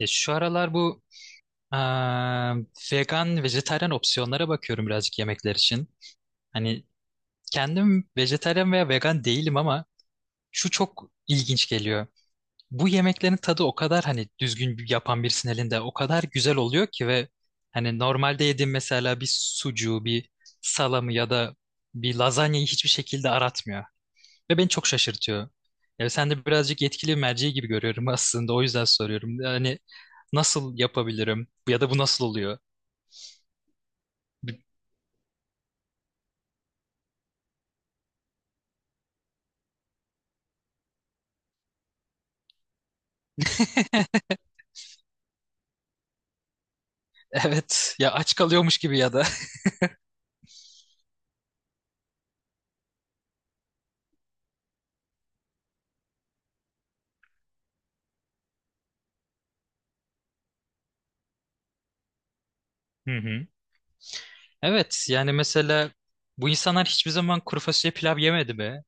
Ya şu aralar bu eee, vegan, vejetaryen opsiyonlara bakıyorum birazcık yemekler için. Hani kendim vejetaryen veya vegan değilim ama şu çok ilginç geliyor. Bu yemeklerin tadı o kadar hani yapan birisinin elinde o kadar güzel oluyor ki, ve hani normalde yediğim mesela bir sucuğu, bir salamı ya da bir lazanyayı hiçbir şekilde aratmıyor. Ve beni çok şaşırtıyor. Ya sen de birazcık yetkili merci gibi görüyorum aslında. O yüzden soruyorum. Yani nasıl yapabilirim? Ya da bu nasıl oluyor? Evet. Ya aç kalıyormuş gibi ya da. Hı hı. Evet. Yani mesela bu insanlar hiçbir zaman kuru fasulye pilav yemedi mi?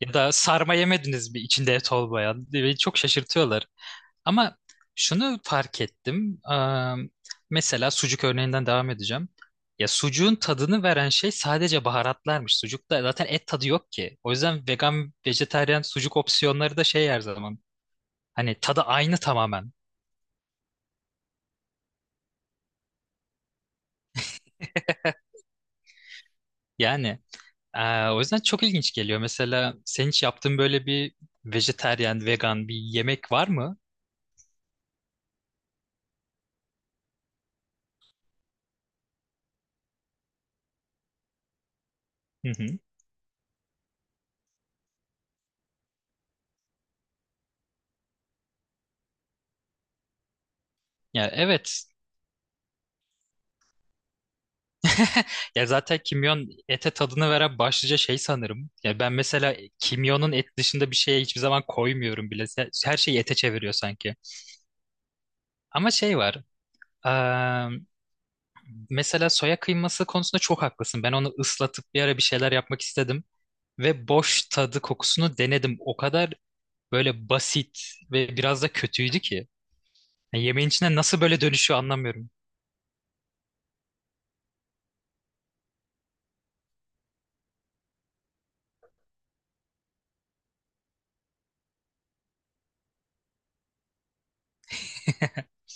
Ya da sarma yemediniz mi içinde et olmayan? Beni çok şaşırtıyorlar. Ama şunu fark ettim. Mesela sucuk örneğinden devam edeceğim. Ya sucuğun tadını veren şey sadece baharatlarmış. Sucukta zaten et tadı yok ki. O yüzden vegan, vejetaryen sucuk opsiyonları da şey her zaman. Hani tadı aynı tamamen. Yani o yüzden çok ilginç geliyor. Mesela senin hiç yaptığın böyle bir vejetaryen, vegan bir yemek var mı? Hı hı. Ya evet. Ya zaten kimyon ete tadını veren başlıca şey sanırım. Ya ben mesela kimyonun et dışında bir şeye hiçbir zaman koymuyorum bile. Her şeyi ete çeviriyor sanki. Ama şey var. eee, Mesela soya kıyması konusunda çok haklısın. Ben onu ıslatıp bir ara bir şeyler yapmak istedim. Ve boş tadı kokusunu denedim. O kadar böyle basit ve biraz da kötüydü ki. Ya yemeğin içine nasıl böyle dönüşüyor anlamıyorum.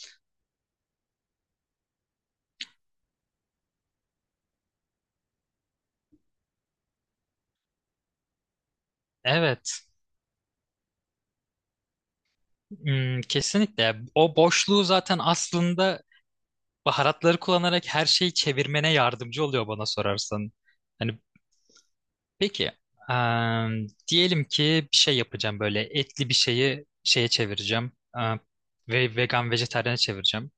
Evet, hmm, kesinlikle. O boşluğu zaten aslında baharatları kullanarak her şeyi çevirmene yardımcı oluyor bana sorarsan. Hani peki diyelim ki bir şey yapacağım, böyle etli bir şeyi şeye çevireceğim, em, ve vegan vejetaryene çevireceğim.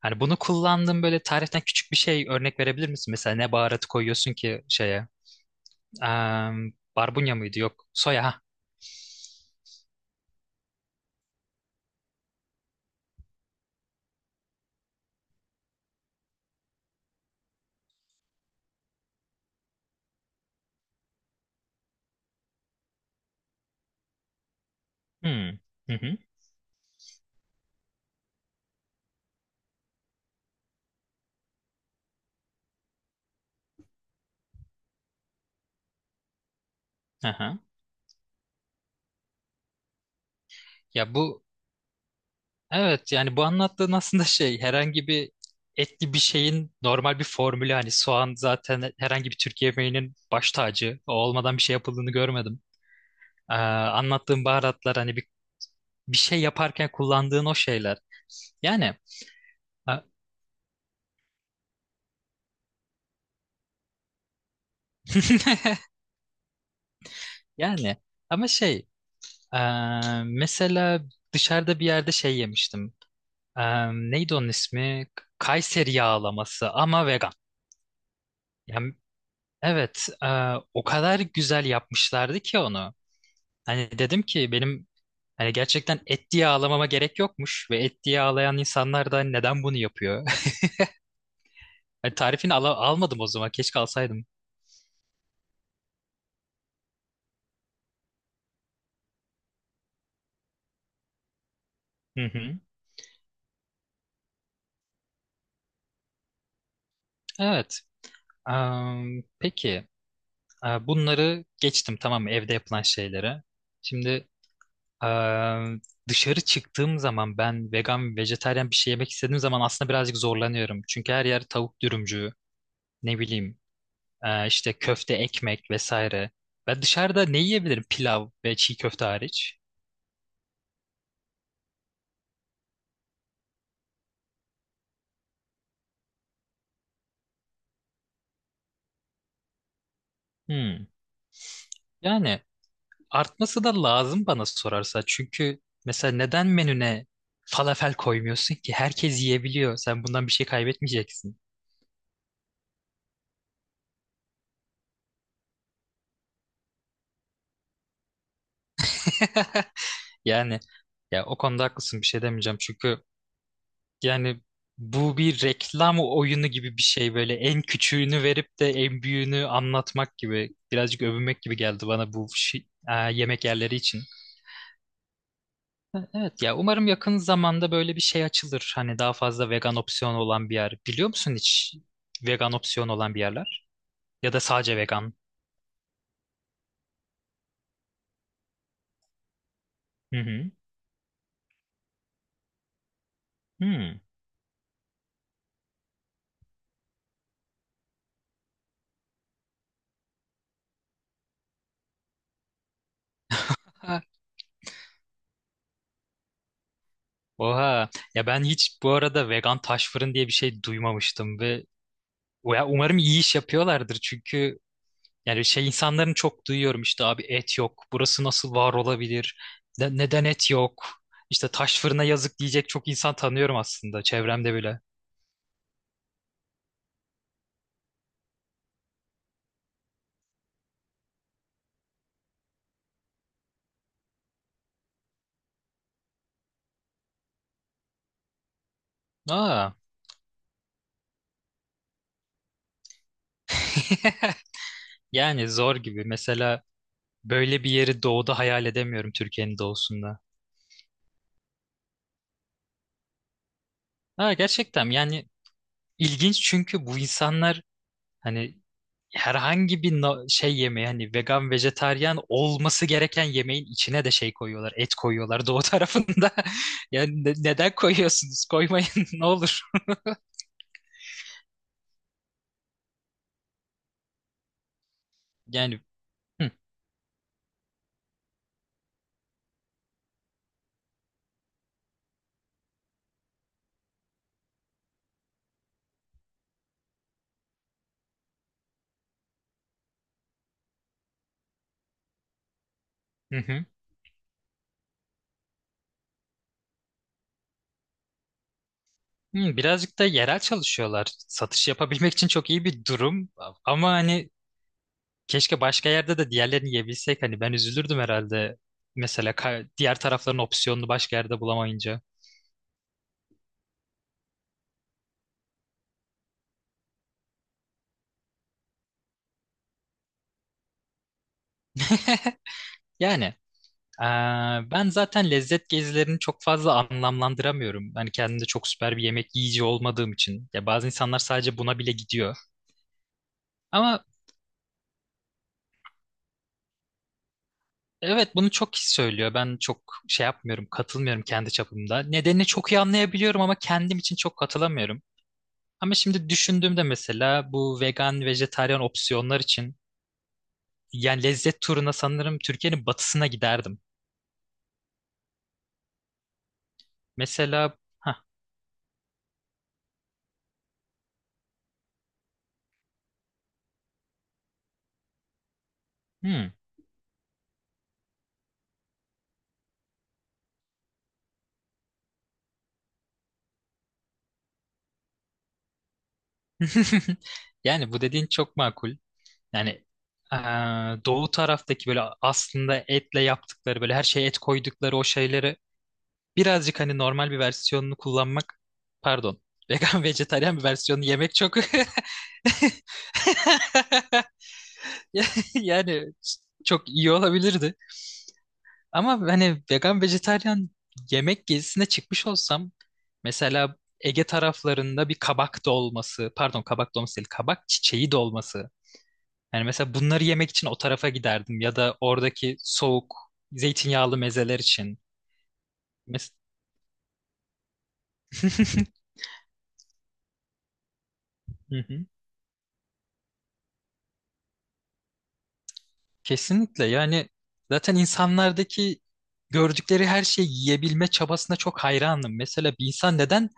Hani bunu kullandığım böyle tariften küçük bir şey örnek verebilir misin? Mesela ne baharatı koyuyorsun ki şeye? Em, barbunya mıydı? Yok. Soya. Ha. Hmm. Hı hı. Aha. Ya bu Evet, yani bu anlattığın aslında şey herhangi bir etli bir şeyin normal bir formülü, hani soğan zaten herhangi bir Türk yemeğinin baş tacı, o olmadan bir şey yapıldığını görmedim. Anlattığın baharatlar hani bir, bir şey yaparken kullandığın o şeyler. Yani a- yani ama şey, e, mesela dışarıda bir yerde şey yemiştim. E, neydi onun ismi? Kayseri yağlaması ama vegan. Yani evet, e, o kadar güzel yapmışlardı ki onu. Hani dedim ki benim hani gerçekten et diye ağlamama gerek yokmuş, ve et diye ağlayan insanlar da hani neden bunu yapıyor? Hani tarifini almadım o zaman. Keşke alsaydım. Hı hı. Evet. Am, peki. Aa, bunları geçtim tamam mı? Evde yapılan şeylere. Şimdi aa, dışarı çıktığım zaman ben vegan, vejetaryen bir şey yemek istediğim zaman aslında birazcık zorlanıyorum. Çünkü her yer tavuk dürümcü, ne bileyim, aa, işte köfte, ekmek vesaire. Ben dışarıda ne yiyebilirim pilav ve çiğ köfte hariç? Hmm. Yani artması da lazım bana sorarsa. Çünkü mesela neden menüne falafel koymuyorsun ki? Herkes yiyebiliyor. Sen bundan bir şey kaybetmeyeceksin. Yani ya o konuda haklısın, bir şey demeyeceğim. Çünkü yani bu bir reklam oyunu gibi bir şey, böyle en küçüğünü verip de en büyüğünü anlatmak gibi, birazcık övünmek gibi geldi bana bu e, yemek yerleri için. Evet ya umarım yakın zamanda böyle bir şey açılır. Hani daha fazla vegan opsiyon olan bir yer. Biliyor musun hiç vegan opsiyon olan bir yerler? Ya da sadece vegan. Hı hı. Hmm. Ha. Oha. Ya ben hiç bu arada vegan taş fırın diye bir şey duymamıştım, ve ya umarım iyi iş yapıyorlardır, çünkü yani şey insanların çok duyuyorum, işte abi et yok. Burası nasıl var olabilir? Neden et yok? İşte taş fırına yazık diyecek çok insan tanıyorum aslında çevremde bile. Aa. Yani zor gibi. Mesela böyle bir yeri doğuda hayal edemiyorum, Türkiye'nin doğusunda. Ha, gerçekten yani ilginç, çünkü bu insanlar hani herhangi bir şey yemeği, hani vegan vejetaryen olması gereken yemeğin içine de şey koyuyorlar, et koyuyorlar doğu tarafında. Yani neden koyuyorsunuz? Koymayın ne olur. Yani hı, hı hı. Hı, birazcık da yerel çalışıyorlar. Satış yapabilmek için çok iyi bir durum, ama hani keşke başka yerde de diğerlerini yiyebilsek. Hani ben üzülürdüm herhalde. Mesela diğer tarafların opsiyonunu başka yerde bulamayınca. Yani ben zaten lezzet gezilerini çok fazla anlamlandıramıyorum. Hani kendimde çok süper bir yemek yiyici olmadığım için. Ya bazı insanlar sadece buna bile gidiyor. Ama evet, bunu çok kişi söylüyor. Ben çok şey yapmıyorum, katılmıyorum kendi çapımda. Nedenini çok iyi anlayabiliyorum ama kendim için çok katılamıyorum. Ama şimdi düşündüğümde mesela bu vegan, vejetaryen opsiyonlar için yani lezzet turuna sanırım Türkiye'nin batısına giderdim. Mesela ha, hmm. Yani bu dediğin çok makul. Yani eee, doğu taraftaki böyle aslında etle yaptıkları, böyle her şeye et koydukları o şeyleri birazcık hani normal bir versiyonunu kullanmak, pardon, vegan vejetaryen bir versiyonunu yemek çok yani çok iyi olabilirdi. Ama hani vegan vejetaryen yemek gezisine çıkmış olsam mesela Ege taraflarında bir kabak dolması, pardon kabak dolması değil, kabak çiçeği dolması. Yani mesela bunları yemek için o tarafa giderdim, ya da oradaki soğuk zeytinyağlı mezeler için. Mes- Kesinlikle, yani zaten insanlardaki gördükleri her şeyi yiyebilme çabasına çok hayranım. Mesela bir insan neden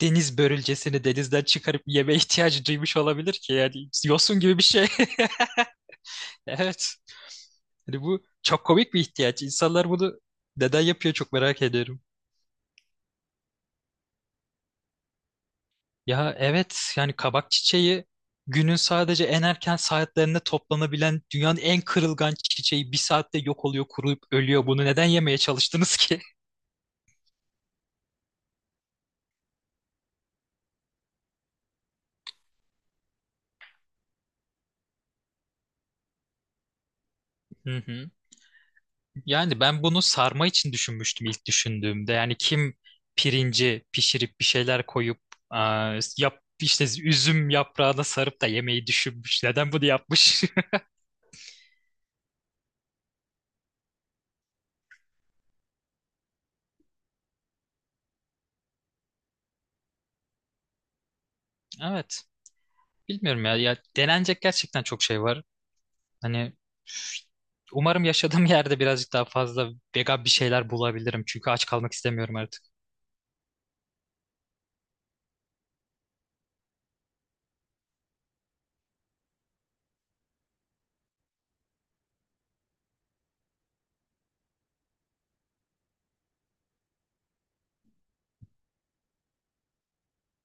deniz börülcesini denizden çıkarıp yeme ihtiyacı duymuş olabilir ki? Yani yosun gibi bir şey. Evet. Hani bu çok komik bir ihtiyaç. İnsanlar bunu neden yapıyor çok merak ediyorum. Ya evet, yani kabak çiçeği günün sadece en erken saatlerinde toplanabilen dünyanın en kırılgan çiçeği, bir saatte yok oluyor, kuruyup ölüyor. Bunu neden yemeye çalıştınız ki? Hı hı. Yani ben bunu sarma için düşünmüştüm ilk düşündüğümde. Yani kim pirinci pişirip bir şeyler koyup, aa, yap işte üzüm yaprağına sarıp da yemeği düşünmüş. Neden bunu yapmış? Evet. Bilmiyorum ya. Ya denenecek gerçekten çok şey var. Hani umarım yaşadığım yerde birazcık daha fazla vegan bir şeyler bulabilirim. Çünkü aç kalmak istemiyorum artık.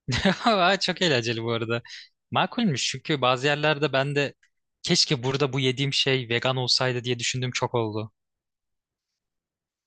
Aa, çok eğlenceli bu arada. Makulmüş, çünkü bazı yerlerde ben de keşke burada bu yediğim şey vegan olsaydı diye düşündüğüm çok oldu.